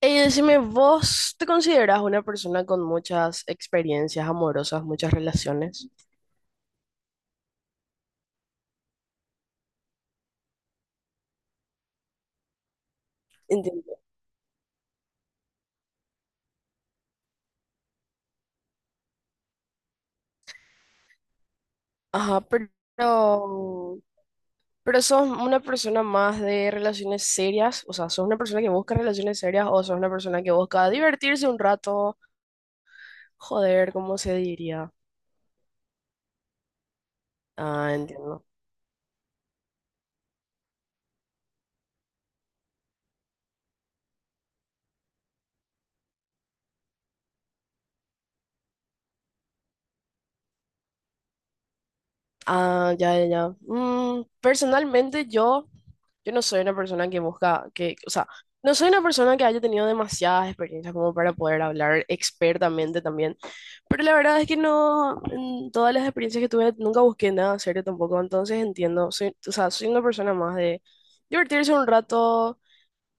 Decime, ¿vos te consideras una persona con muchas experiencias amorosas, muchas relaciones? Entiendo. Ajá, pero sos una persona más de relaciones serias, o sea, sos una persona que busca relaciones serias o sos una persona que busca divertirse un rato, joder, ¿cómo se diría? Ah, entiendo. Ah, ya, ya, ya. Mm, personalmente yo no soy una persona que busca, que, o sea, no soy una persona que haya tenido demasiadas experiencias como para poder hablar expertamente también, pero la verdad es que no, en todas las experiencias que tuve nunca busqué nada serio tampoco, entonces entiendo, soy, o sea, soy una persona más de divertirse un rato,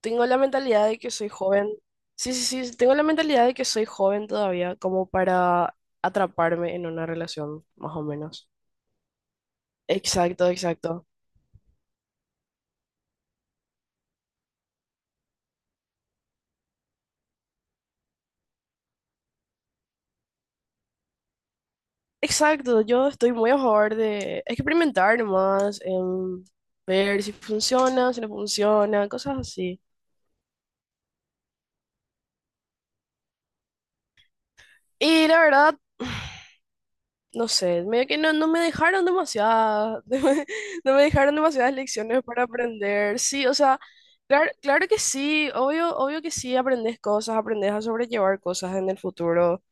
tengo la mentalidad de que soy joven, sí, sí, sí, tengo la mentalidad de que soy joven todavía como para atraparme en una relación, más o menos. Exacto, exacto. Exacto, yo estoy muy a favor de experimentar nomás, ver si funciona, si no funciona, cosas así. Y la verdad, no sé, medio que no, no me dejaron demasiadas, no me dejaron demasiadas lecciones para aprender. Sí, o sea, claro, claro que sí, obvio, obvio que sí, aprendes cosas, aprendes a sobrellevar cosas en el futuro,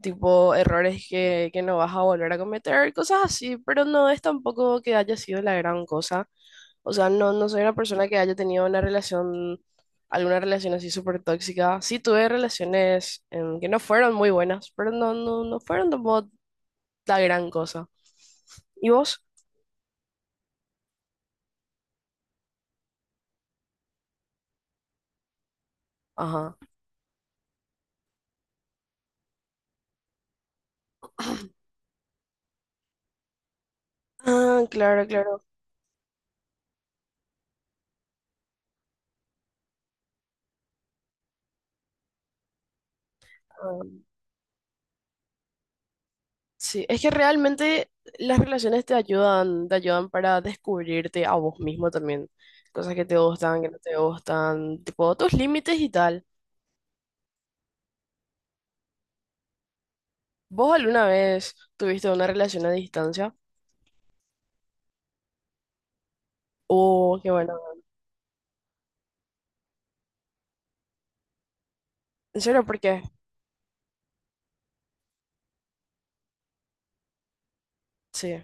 tipo errores que no vas a volver a cometer, cosas así, pero no es tampoco que haya sido la gran cosa. O sea, no, no soy una persona que haya tenido una relación, alguna relación así súper tóxica. Sí tuve relaciones que no fueron muy buenas, pero no, no, no fueron tampoco la gran cosa. ¿Y vos? Ajá. Ah, claro, claro. Ah, sí, es que realmente las relaciones te ayudan para descubrirte a vos mismo también. Cosas que te gustan, que no te gustan, tipo tus límites y tal. ¿Vos alguna vez tuviste una relación a distancia? Oh, qué bueno. ¿En serio? ¿Por qué? Sí.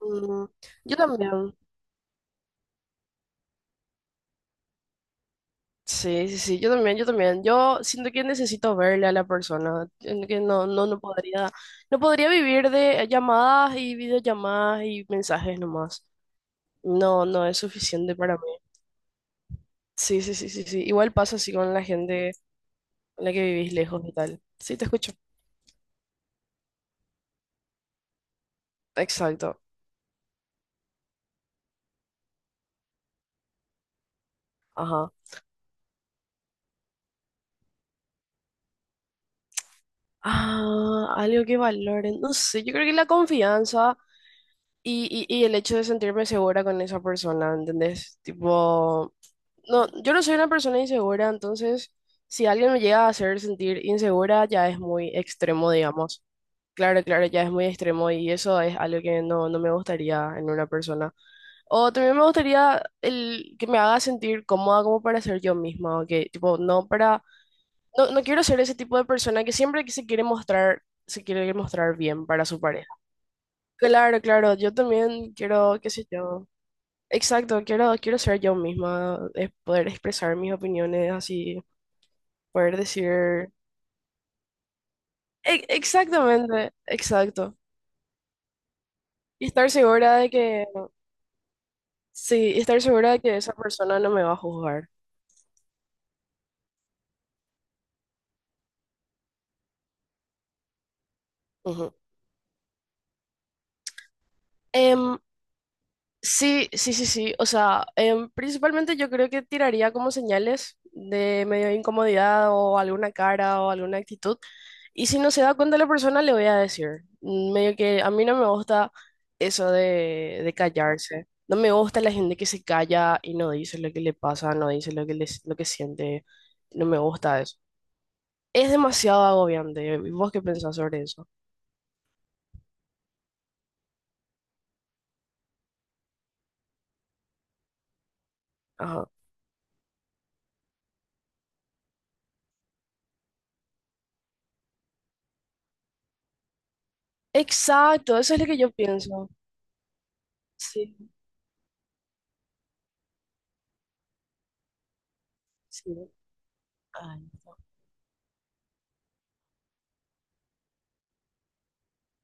Mm, yo también. Sí, sí, sí, yo también, yo también. Yo siento que necesito verle a la persona, siento que no, no, no podría, no podría vivir de llamadas y videollamadas y mensajes nomás. No, no es suficiente para mí. Sí, sí, sí, sí, sí. Igual pasa así con la gente con la que vivís lejos y tal. Sí, te escucho. Exacto. Ajá. Ah, algo que valoren. No sé, yo creo que la confianza y el hecho de sentirme segura con esa persona, ¿entendés? Tipo. No, yo no soy una persona insegura, entonces si alguien me llega a hacer sentir insegura ya es muy extremo, digamos. Claro, claro, ya es muy extremo y eso es algo que no, no me gustaría en una persona. O también me gustaría el que me haga sentir cómoda como para ser yo misma, o que tipo, no para, no, no quiero ser ese tipo de persona que siempre que se quiere mostrar bien para su pareja. Claro, claro, yo también quiero, qué sé yo. Exacto, quiero, quiero ser yo misma, es poder expresar mis opiniones así. Poder decir... E- exactamente, exacto. Y estar segura de que... Sí, y estar segura de que esa persona no me va a juzgar. Ujú. Em, sí, sí, sí, sí. O sea, principalmente yo creo que tiraría como señales de medio de incomodidad o alguna cara o alguna actitud. Y si no se da cuenta la persona, le voy a decir. Mm, medio que a mí no me gusta eso de callarse. No me gusta la gente que se calla y no dice lo que le pasa, no dice lo que, lo que siente. No me gusta eso. Es demasiado agobiante. ¿Vos qué pensás sobre eso? Ajá. Exacto, eso es lo que yo pienso. Sí, sí. Ay.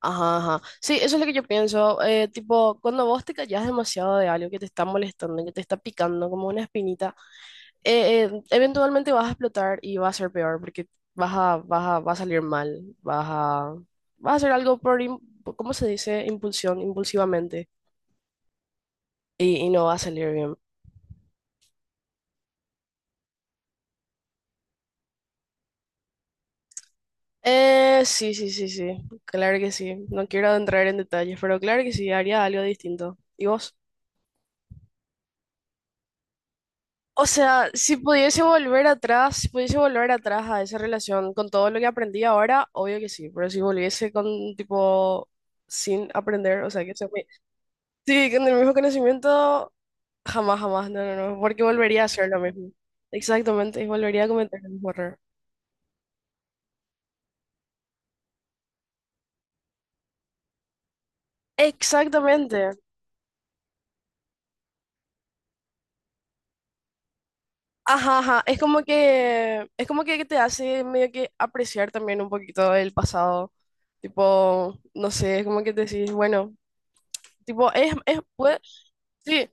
Ajá, ajá. Sí, eso es lo que yo pienso. Tipo, cuando vos te callás demasiado de algo que te está molestando, que te está picando como una espinita, eventualmente vas a explotar y va a ser peor porque va a salir mal, vas a, vas a hacer algo por, ¿cómo se dice? Impulsión, impulsivamente y no va a salir bien. Sí, sí, sí, sí, claro que sí. No quiero entrar en detalles, pero claro que sí, haría algo distinto. ¿Y vos? O sea, si pudiese volver atrás, si pudiese volver atrás a esa relación con todo lo que aprendí ahora, obvio que sí, pero si volviese con tipo sin aprender, o sea, que sea muy- Sí, con el mismo conocimiento, jamás, jamás, no, no, no, porque volvería a hacer lo mismo. Exactamente, y volvería a cometer el mismo error. Exactamente. Ajá, ajá, es como que te hace medio que apreciar también un poquito el pasado. Tipo, no sé, es como que te decís, bueno, tipo es puede, sí,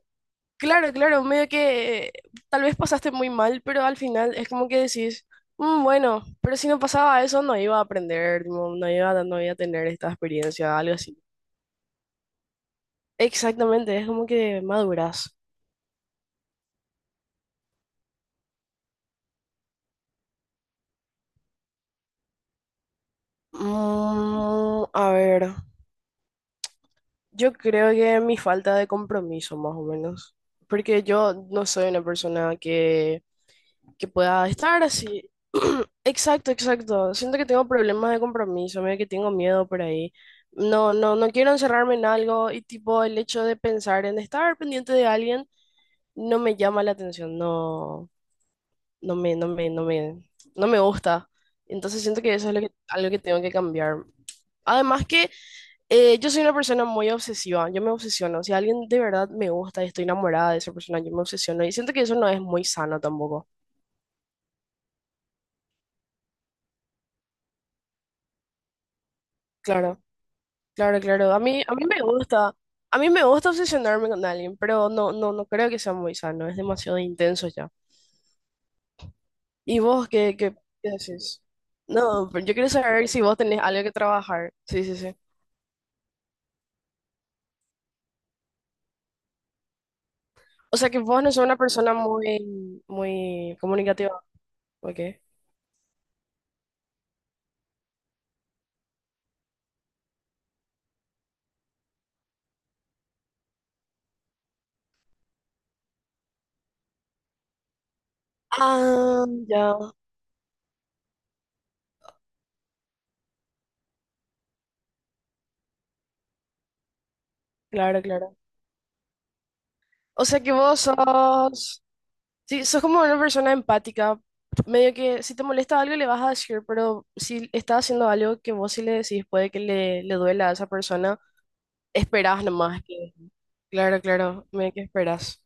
claro, claro, medio que tal vez pasaste muy mal, pero al final es como que decís, "Mm, bueno, pero si no pasaba eso no iba a aprender, tipo, no iba, no iba a tener esta experiencia, algo así". Exactamente, es como que maduras. Mm, a ver, yo creo que mi falta de compromiso más o menos, porque yo no soy una persona que pueda estar así. Exacto, exacto. Siento que tengo problemas de compromiso, medio que tengo miedo por ahí. No, no, no quiero encerrarme en algo y tipo el hecho de pensar en estar pendiente de alguien no me llama la atención, no, no me, no me, no me, no me gusta. Entonces siento que eso es lo que, algo que tengo que cambiar. Además que yo soy una persona muy obsesiva, yo me obsesiono. Si alguien de verdad me gusta y estoy enamorada de esa persona, yo me obsesiono y siento que eso no es muy sano tampoco. Claro. Claro, claro. A mí me gusta, a mí me gusta obsesionarme con alguien, pero no, no, no creo que sea muy sano, es demasiado intenso ya. ¿Y vos qué, qué, qué haces? No, pero yo quiero saber si vos tenés algo que trabajar. Sí, sí, sí. O sea que vos no sos una persona muy, muy comunicativa, ¿ok? Ah, ya, claro, claro. O sea que vos sos, sí, sos como una persona empática, medio que si te molesta algo le vas a decir, pero si está haciendo algo que vos sí le decís puede que le duela a esa persona, esperás nomás que... Claro, claro, medio que esperás.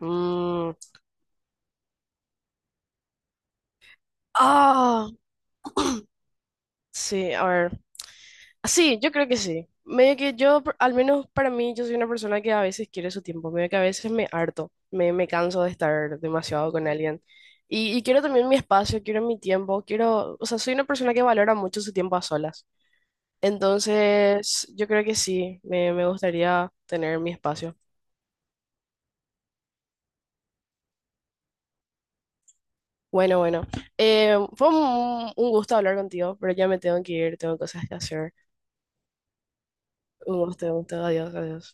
Mm, ah, sí, a ver. Sí, yo creo que sí. Medio que yo, por- al menos para mí, yo soy una persona que a veces quiere su tiempo, medio que a veces me harto, me canso de estar demasiado con alguien. Y quiero también mi espacio, quiero mi tiempo, quiero, o sea, soy una persona que valora mucho su tiempo a solas. Entonces, yo creo que sí, me gustaría tener mi espacio. Bueno, bueno, fue un gusto hablar contigo, pero ya me tengo que ir, tengo cosas que hacer. Un gusto, adiós, adiós.